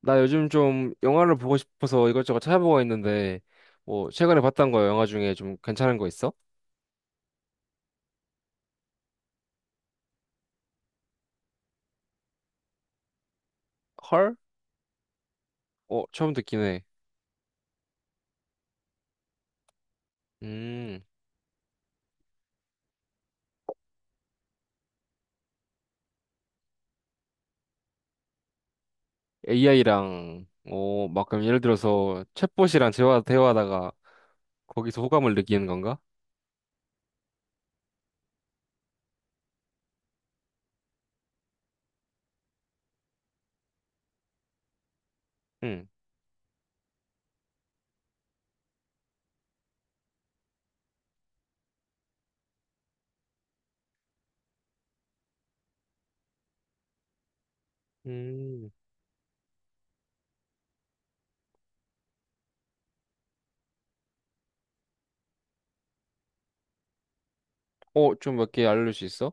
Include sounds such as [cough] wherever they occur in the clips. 나 요즘 좀 영화를 보고 싶어서 이것저것 찾아보고 있는데, 뭐, 최근에 봤던 거 영화 중에 좀 괜찮은 거 있어? 헐? 어, 처음 듣긴 해. 음, AI랑, 어, 막, 그럼 예를 들어서, 챗봇이랑 대화하다가, 거기서 호감을 느끼는 건가? 응. 음, 어, 좀 몇 개 알려줄 수 있어?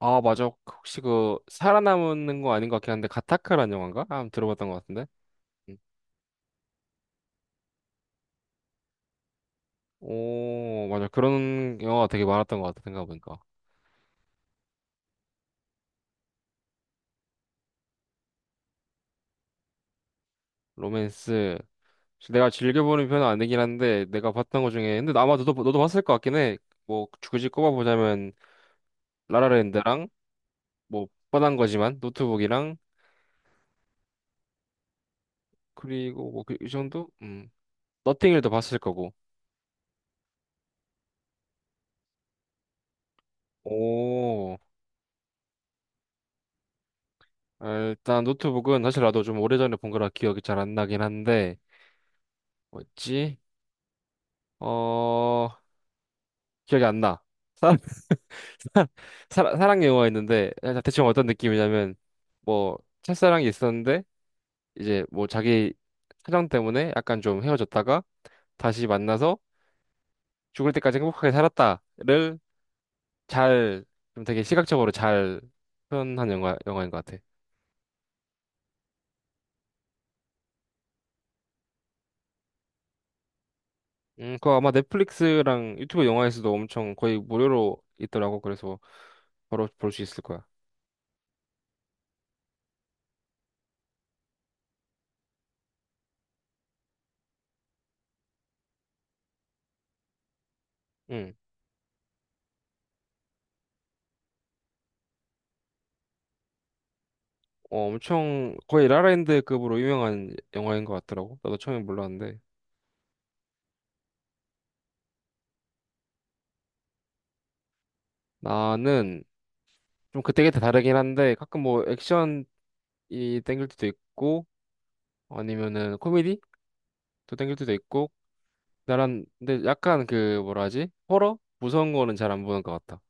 아, 맞아. 혹시 그, 살아남는 거 아닌 것 같긴 한데, 가타카라는 영화인가? 아, 들어봤던 것 같은데? 음. 오, 맞아. 그런 영화가 되게 많았던 것 같아, 생각해보니까. 로맨스. 내가 즐겨보는 편은 아니긴 한데 내가 봤던 것 중에 근데 아마 너도 봤을 것 같긴 해. 뭐 굳이 꼽아보자면 라라랜드랑 뭐 뻔한 거지만 노트북이랑 그리고 뭐 그 이 정도? 음. 너팅힐도 봤을 거고. 오. 아, 일단 노트북은 사실 나도 좀 오래전에 본 거라 기억이 잘 안 나긴 한데 뭐였지? 어 기억이 안 나. 사랑 [laughs] 사랑 영화였는데 아, 대충 어떤 느낌이냐면 뭐 첫사랑이 있었는데 이제 뭐 자기 사정 때문에 약간 좀 헤어졌다가 다시 만나서 죽을 때까지 행복하게 살았다를 잘, 좀 되게 시각적으로 잘 표현한 영화인 것 같아. 그거 아마 넷플릭스랑 유튜브 영화에서도 엄청 거의 무료로 있더라고. 그래서 바로 볼 수 있을 거야. 응. 어, 엄청 거의 라라랜드급으로 유명한 영화인 것 같더라고. 나도 처음에 몰랐는데. 나는 좀 그때그때 다르긴 한데 가끔 뭐 액션이 땡길 때도 있고 아니면은 코미디? 또 땡길 때도 있고 나란 근데 약간 그 뭐라 하지? 호러? 무서운 거는 잘 안 보는 것 같아.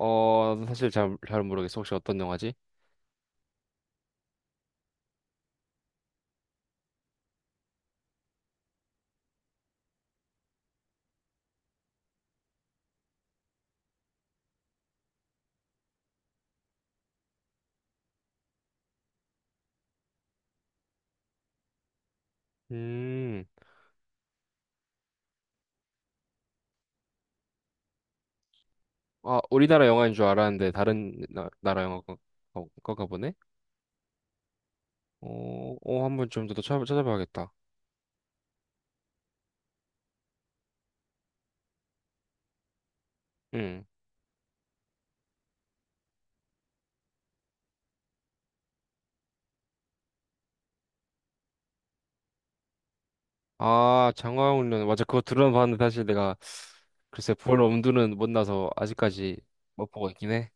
어 사실 잘 모르겠어. 혹시 어떤 영화지? 음. 아 우리나라 영화인 줄 알았는데 다른 나라 영화 거, 거가 보네? 어, 어 한 번 좀 더 찾아봐야겠다. 응. 아 장화홍련 맞아 그거 들어는 봤는데 사실 내가 글쎄 볼 엄두는 못 나서 아직까지 못 보고 있긴 해.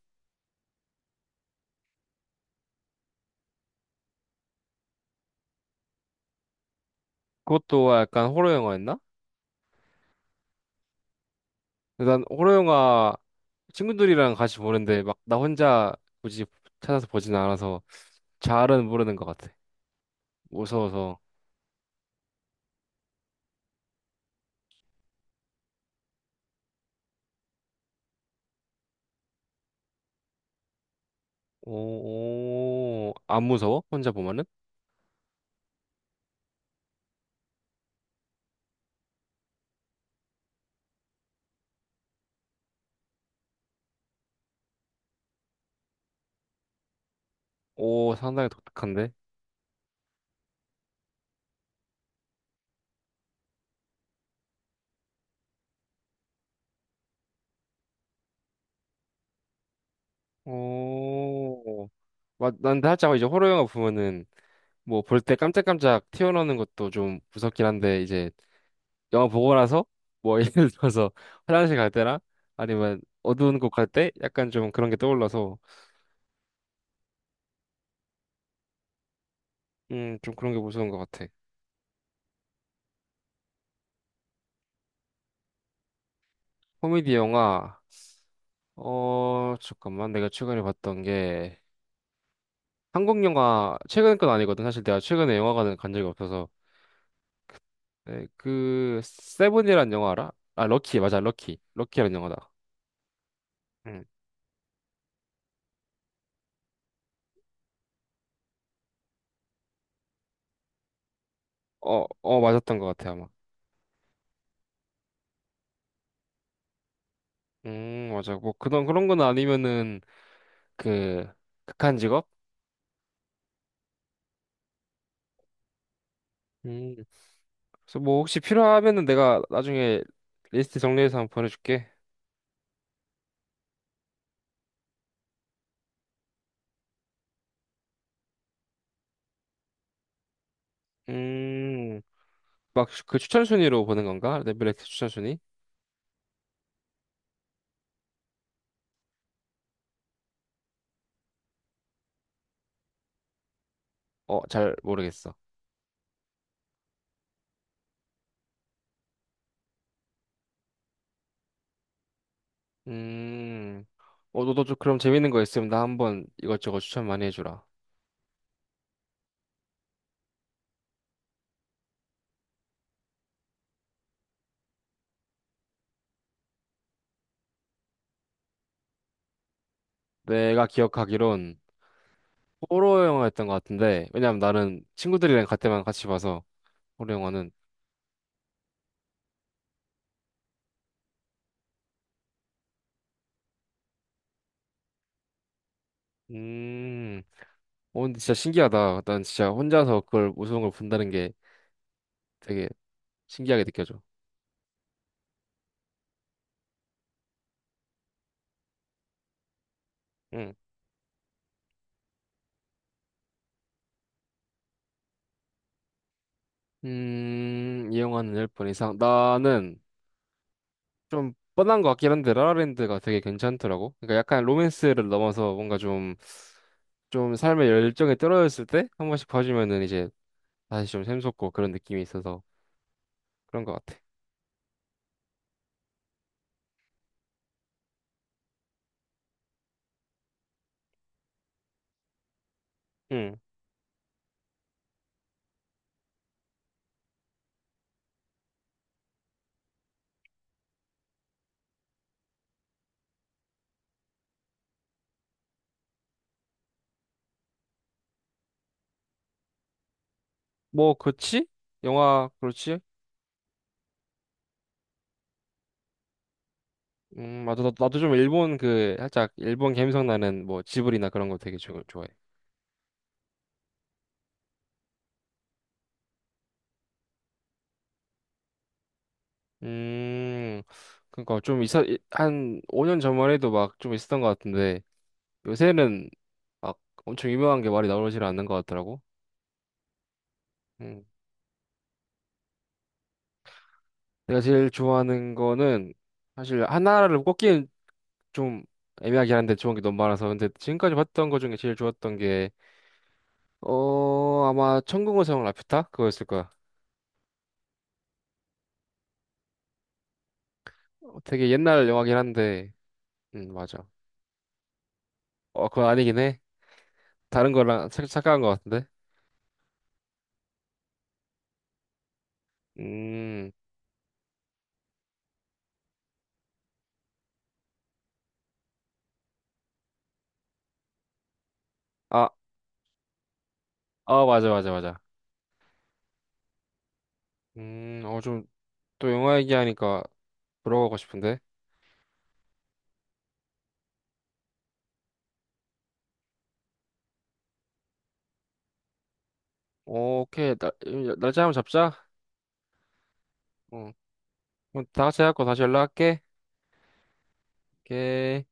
그것도 약간 호러 영화였나? 난 호러 영화 친구들이랑 같이 보는데 막 나 혼자 굳이 찾아서 보진 않아서 잘은 모르는 것 같아. 무서워서. 오, 오, 안 무서워? 혼자 보면은? 오, 상당히 독특한데? 오, 맞, 난 살짝 이제 호러 영화 보면은 뭐 볼 때 깜짝깜짝 튀어나오는 것도 좀 무섭긴 한데 이제 영화 보고 나서 뭐 [laughs] 예를 들어서 화장실 갈 때나 아니면 어두운 곳 갈 때 약간 좀 그런 게 떠올라서 좀 그런 게 무서운 것 같아. 코미디 영화, 어, 잠깐만. 내가 최근에 봤던 게, 한국 영화, 최근 건 아니거든. 사실 내가 최근에 영화관을 간 적이 없어서. 네, 그, 세븐이란 영화 알아? 아, 럭키, 맞아, 럭키. 럭키라는 영화다. 응. 어, 어, 맞았던 것 같아, 아마. 맞아. 뭐, 그런 건 아니면은, 그, 극한 직업? 음, 그래서 뭐, 혹시 필요하면은 내가 나중에 리스트 정리해서 한번 보내줄게. 음, 막 그 추천 순위로 보는 건가? 넷플릭스 추천 순위? 어, 잘 모르겠어. 음, 어, 너도 좀 그럼 재밌는 거 있으면 나 한번 이것저것 추천 많이 해주라. 내가 기억하기론 호러 영화였던 것 같은데, 왜냐면 나는 친구들이랑 갈 때만 같이 봐서, 호러 영화는. 음, 어, 근데 진짜 신기하다. 난 진짜 혼자서 그걸 무서운 걸 본다는 게 되게 신기하게 느껴져. 응. 이 영화는 열 번 이상. 나는 좀 뻔한 것 같긴 한데, 라라랜드가 되게 괜찮더라고. 그러니까 약간 로맨스를 넘어서 뭔가 좀 삶의 열정에 떨어졌을 때 한 번씩 봐주면은 이제 다시 좀 샘솟고 그런 느낌이 있어서 그런 것 같아. 응. 뭐 그렇지? 영화 그렇지? 맞아 나도 좀 일본 그 살짝 일본 감성 나는 뭐 지브리나 그런 거 되게 좋아해. 음 그러니까 좀 있어 한 5년 전만 해도 막 좀 있었던 것 같은데 요새는 막 엄청 유명한 게 말이 나오질 않는 것 같더라고. 음 내가 제일 좋아하는 거는 사실 하나를 꼽기는 좀 애매하긴 한데 좋은 게 너무 많아서 근데 지금까지 봤던 거 중에 제일 좋았던 게 어 아마 천국의 성 라퓨타 그거였을 거야. 어, 되게 옛날 영화긴 한데 맞아. 어 그건 아니긴 해. 다른 거랑 착각한 거 같은데 음아 아아 맞아 맞아 맞아 음어 좀 또 영화 얘기하니까 들어가고 싶은데 어, 오케이 날 날짜 한번 잡자. 어 그럼 다 같이 해갖고 다시 연락할게. 오케이.